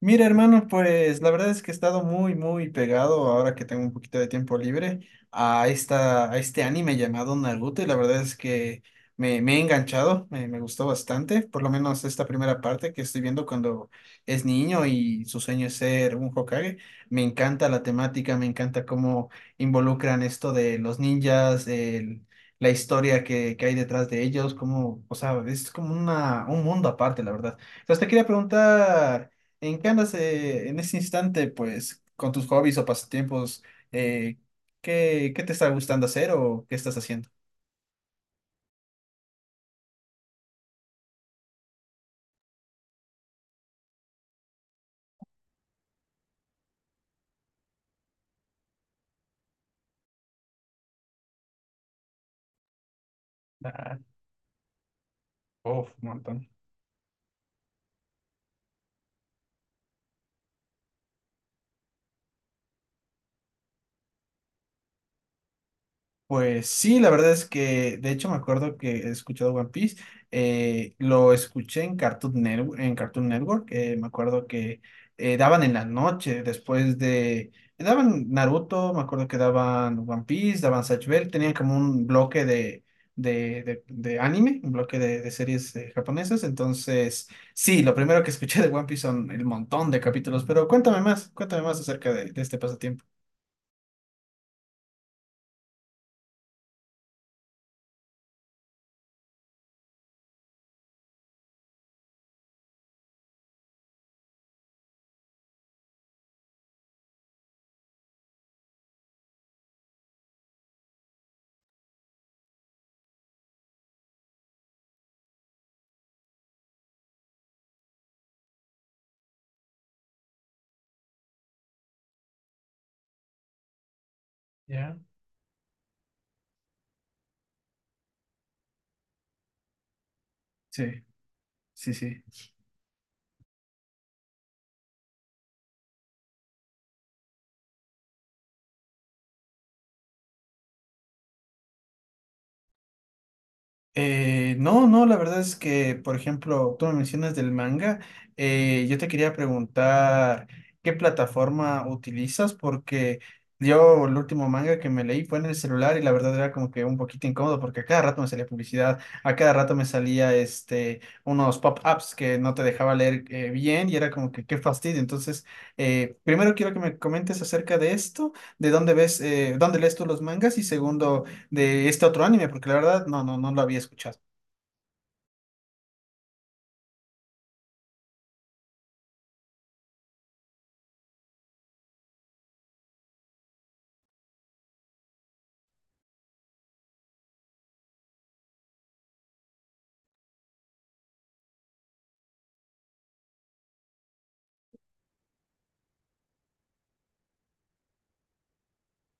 Mira, hermano, pues la verdad es que he estado muy, muy pegado ahora que tengo un poquito de tiempo libre a este anime llamado Naruto y la verdad es que me he enganchado, me gustó bastante, por lo menos esta primera parte que estoy viendo cuando es niño y su sueño es ser un Hokage. Me encanta la temática, me encanta cómo involucran esto de los ninjas, la historia que hay detrás de ellos, como, o sea, es como un mundo aparte, la verdad. Entonces te quería preguntar... ¿En qué andas en ese instante, pues, con tus hobbies o pasatiempos? Eh, ¿qué te está gustando hacer o qué estás haciendo? Ah, uf, un montón. Pues sí, la verdad es que, de hecho, me acuerdo que he escuchado One Piece. Lo escuché en Cartoon Network, en Cartoon Network. Me acuerdo que daban en la noche, después de. Daban Naruto, me acuerdo que daban One Piece, daban Zatch Bell. Tenían como un bloque de, de anime, un bloque de series japonesas. Entonces, sí, lo primero que escuché de One Piece son el montón de capítulos. Pero cuéntame más acerca de este pasatiempo. ¿Ya? Sí, sí, sí. No, no, la verdad es que, por ejemplo, tú me mencionas del manga. Yo te quería preguntar qué plataforma utilizas, porque yo el último manga que me leí fue en el celular y la verdad era como que un poquito incómodo porque a cada rato me salía publicidad, a cada rato me salía este, unos pop-ups que no te dejaba leer bien y era como que qué fastidio. Entonces, primero quiero que me comentes acerca de esto, de dónde ves, dónde lees tú los mangas y segundo de este otro anime, porque la verdad no lo había escuchado.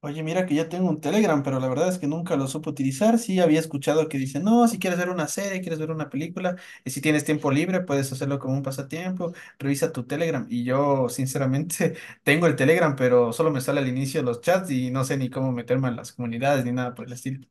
Oye, mira que ya tengo un Telegram, pero la verdad es que nunca lo supe utilizar. Sí había escuchado que dice, no, si quieres ver una serie, quieres ver una película, y si tienes tiempo libre, puedes hacerlo como un pasatiempo, revisa tu Telegram. Y yo, sinceramente, tengo el Telegram, pero solo me sale al inicio los chats y no sé ni cómo meterme en las comunidades ni nada por el estilo.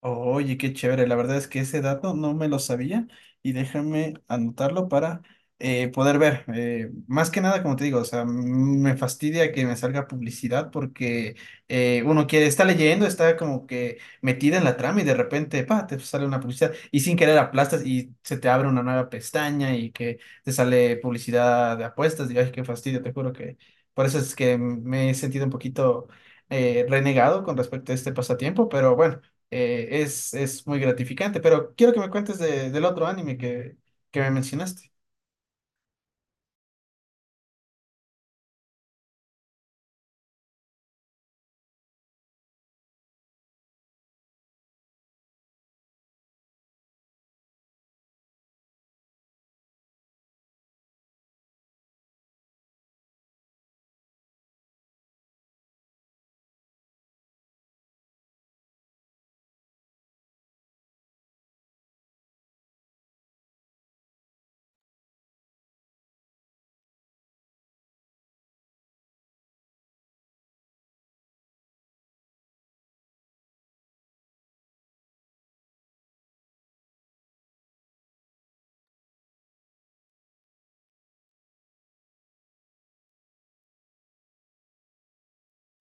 Oye, qué chévere. La verdad es que ese dato no me lo sabía y déjame anotarlo para poder ver. Más que nada, como te digo, o sea, me fastidia que me salga publicidad porque uno que está leyendo, está como que metida en la trama y de repente, pa, te sale una publicidad y sin querer aplastas y se te abre una nueva pestaña y que te sale publicidad de apuestas. Y ay, qué fastidio, te juro que por eso es que me he sentido un poquito renegado con respecto a este pasatiempo, pero bueno es muy gratificante, pero quiero que me cuentes del otro anime que me mencionaste.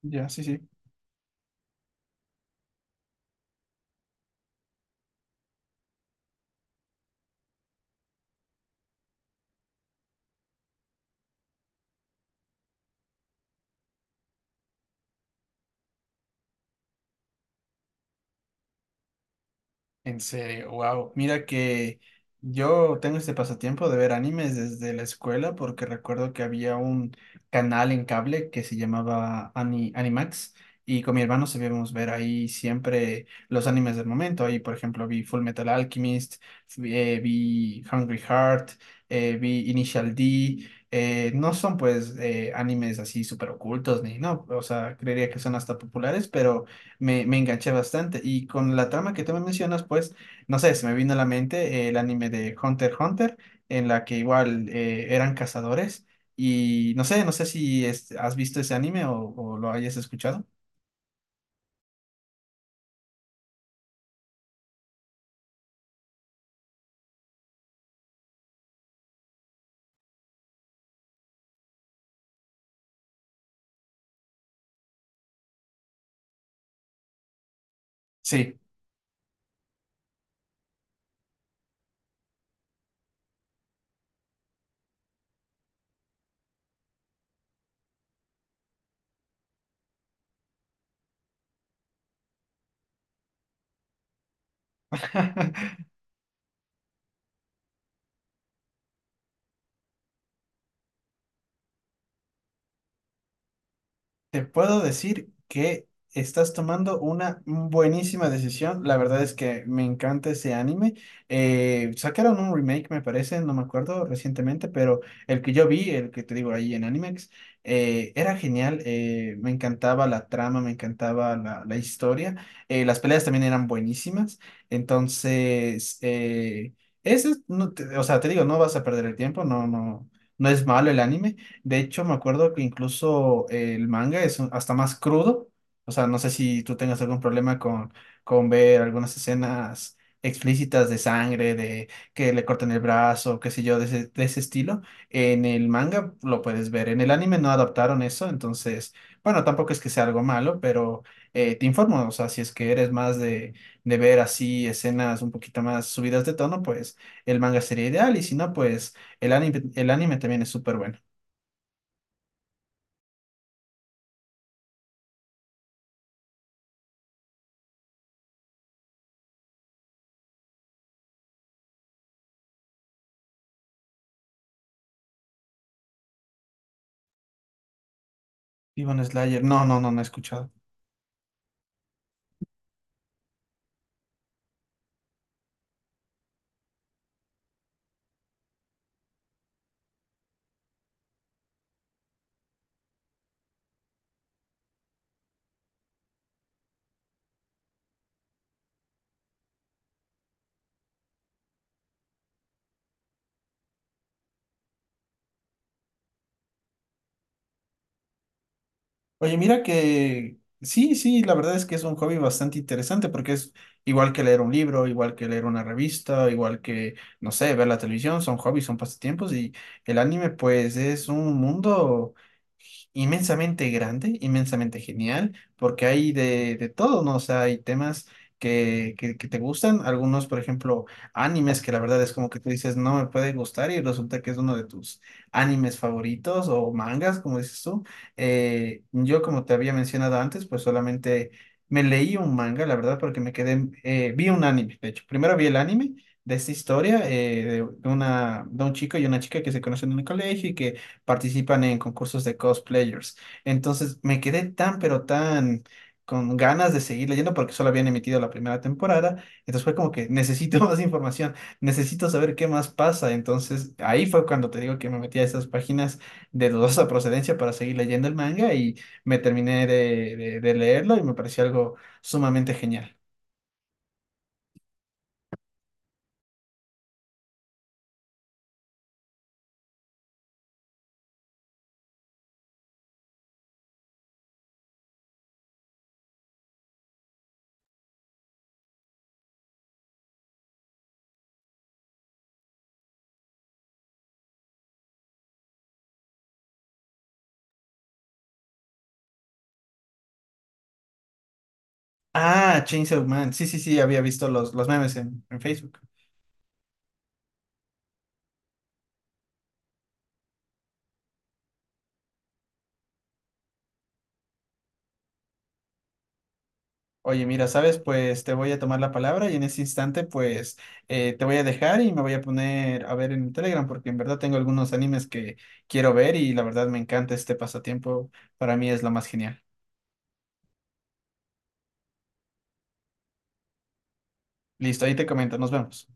Ya, sí, sí. En serio, wow. Mira que yo tengo este pasatiempo de ver animes desde la escuela porque recuerdo que había un canal en cable que se llamaba Animax y con mi hermano sabíamos ver ahí siempre los animes del momento. Ahí, por ejemplo, vi Full Metal Alchemist, vi, vi Hungry Heart, vi Initial D. No son pues animes así súper ocultos ni no, o sea, creería que son hasta populares, pero me enganché bastante. Y con la trama que tú me mencionas, pues, no sé, se me vino a la mente el anime de Hunter x Hunter, en la que igual eran cazadores. Y no sé, no sé si es- has visto ese anime o lo hayas escuchado. Sí. Te puedo decir que estás tomando una buenísima decisión. La verdad es que me encanta ese anime. Sacaron un remake, me parece, no me acuerdo recientemente, pero el que yo vi, el que te digo ahí en Animex, era genial. Me encantaba la trama, me encantaba la historia. Las peleas también eran buenísimas. Entonces, ese, no te- o sea, te digo, no vas a perder el tiempo, no, no, no es malo el anime. De hecho, me acuerdo que incluso el manga es hasta más crudo. O sea, no sé si tú tengas algún problema con ver algunas escenas explícitas de sangre, de que le cortan el brazo, qué sé yo, de de ese estilo. En el manga lo puedes ver. En el anime no adaptaron eso, entonces, bueno, tampoco es que sea algo malo, pero te informo. O sea, si es que eres más de ver así escenas un poquito más subidas de tono, pues el manga sería ideal. Y si no, pues el anime también es súper bueno. Demon Slayer. No, no, no, no he escuchado. Oye, mira que sí, sí, la verdad es que es un hobby bastante interesante porque es igual que leer un libro, igual que leer una revista, igual que, no sé, ver la televisión, son hobbies, son pasatiempos y el anime pues es un mundo inmensamente grande, inmensamente genial, porque hay de todo, ¿no? O sea, hay temas que te gustan, algunos, por ejemplo, animes que la verdad es como que tú dices, no me puede gustar y resulta que es uno de tus animes favoritos o mangas, como dices tú. Yo, como te había mencionado antes, pues solamente me leí un manga, la verdad, porque me quedé, vi un anime, de hecho. Primero vi el anime de esta historia de una, de un chico y una chica que se conocen en el colegio y que participan en concursos de cosplayers. Entonces me quedé tan, pero tan con ganas de seguir leyendo porque solo habían emitido la primera temporada. Entonces fue como que necesito más información, necesito saber qué más pasa. Entonces ahí fue cuando te digo que me metí a esas páginas de dudosa procedencia para seguir leyendo el manga y me terminé de, de leerlo y me pareció algo sumamente genial. Ah, Chainsaw Man. Sí, sí, sí, había visto los memes en Facebook. Oye, mira, ¿sabes? Pues te voy a tomar la palabra y en ese instante, pues te voy a dejar y me voy a poner a ver en Telegram porque en verdad tengo algunos animes que quiero ver y la verdad me encanta este pasatiempo. Para mí es lo más genial. Listo, ahí te comento. Nos vemos.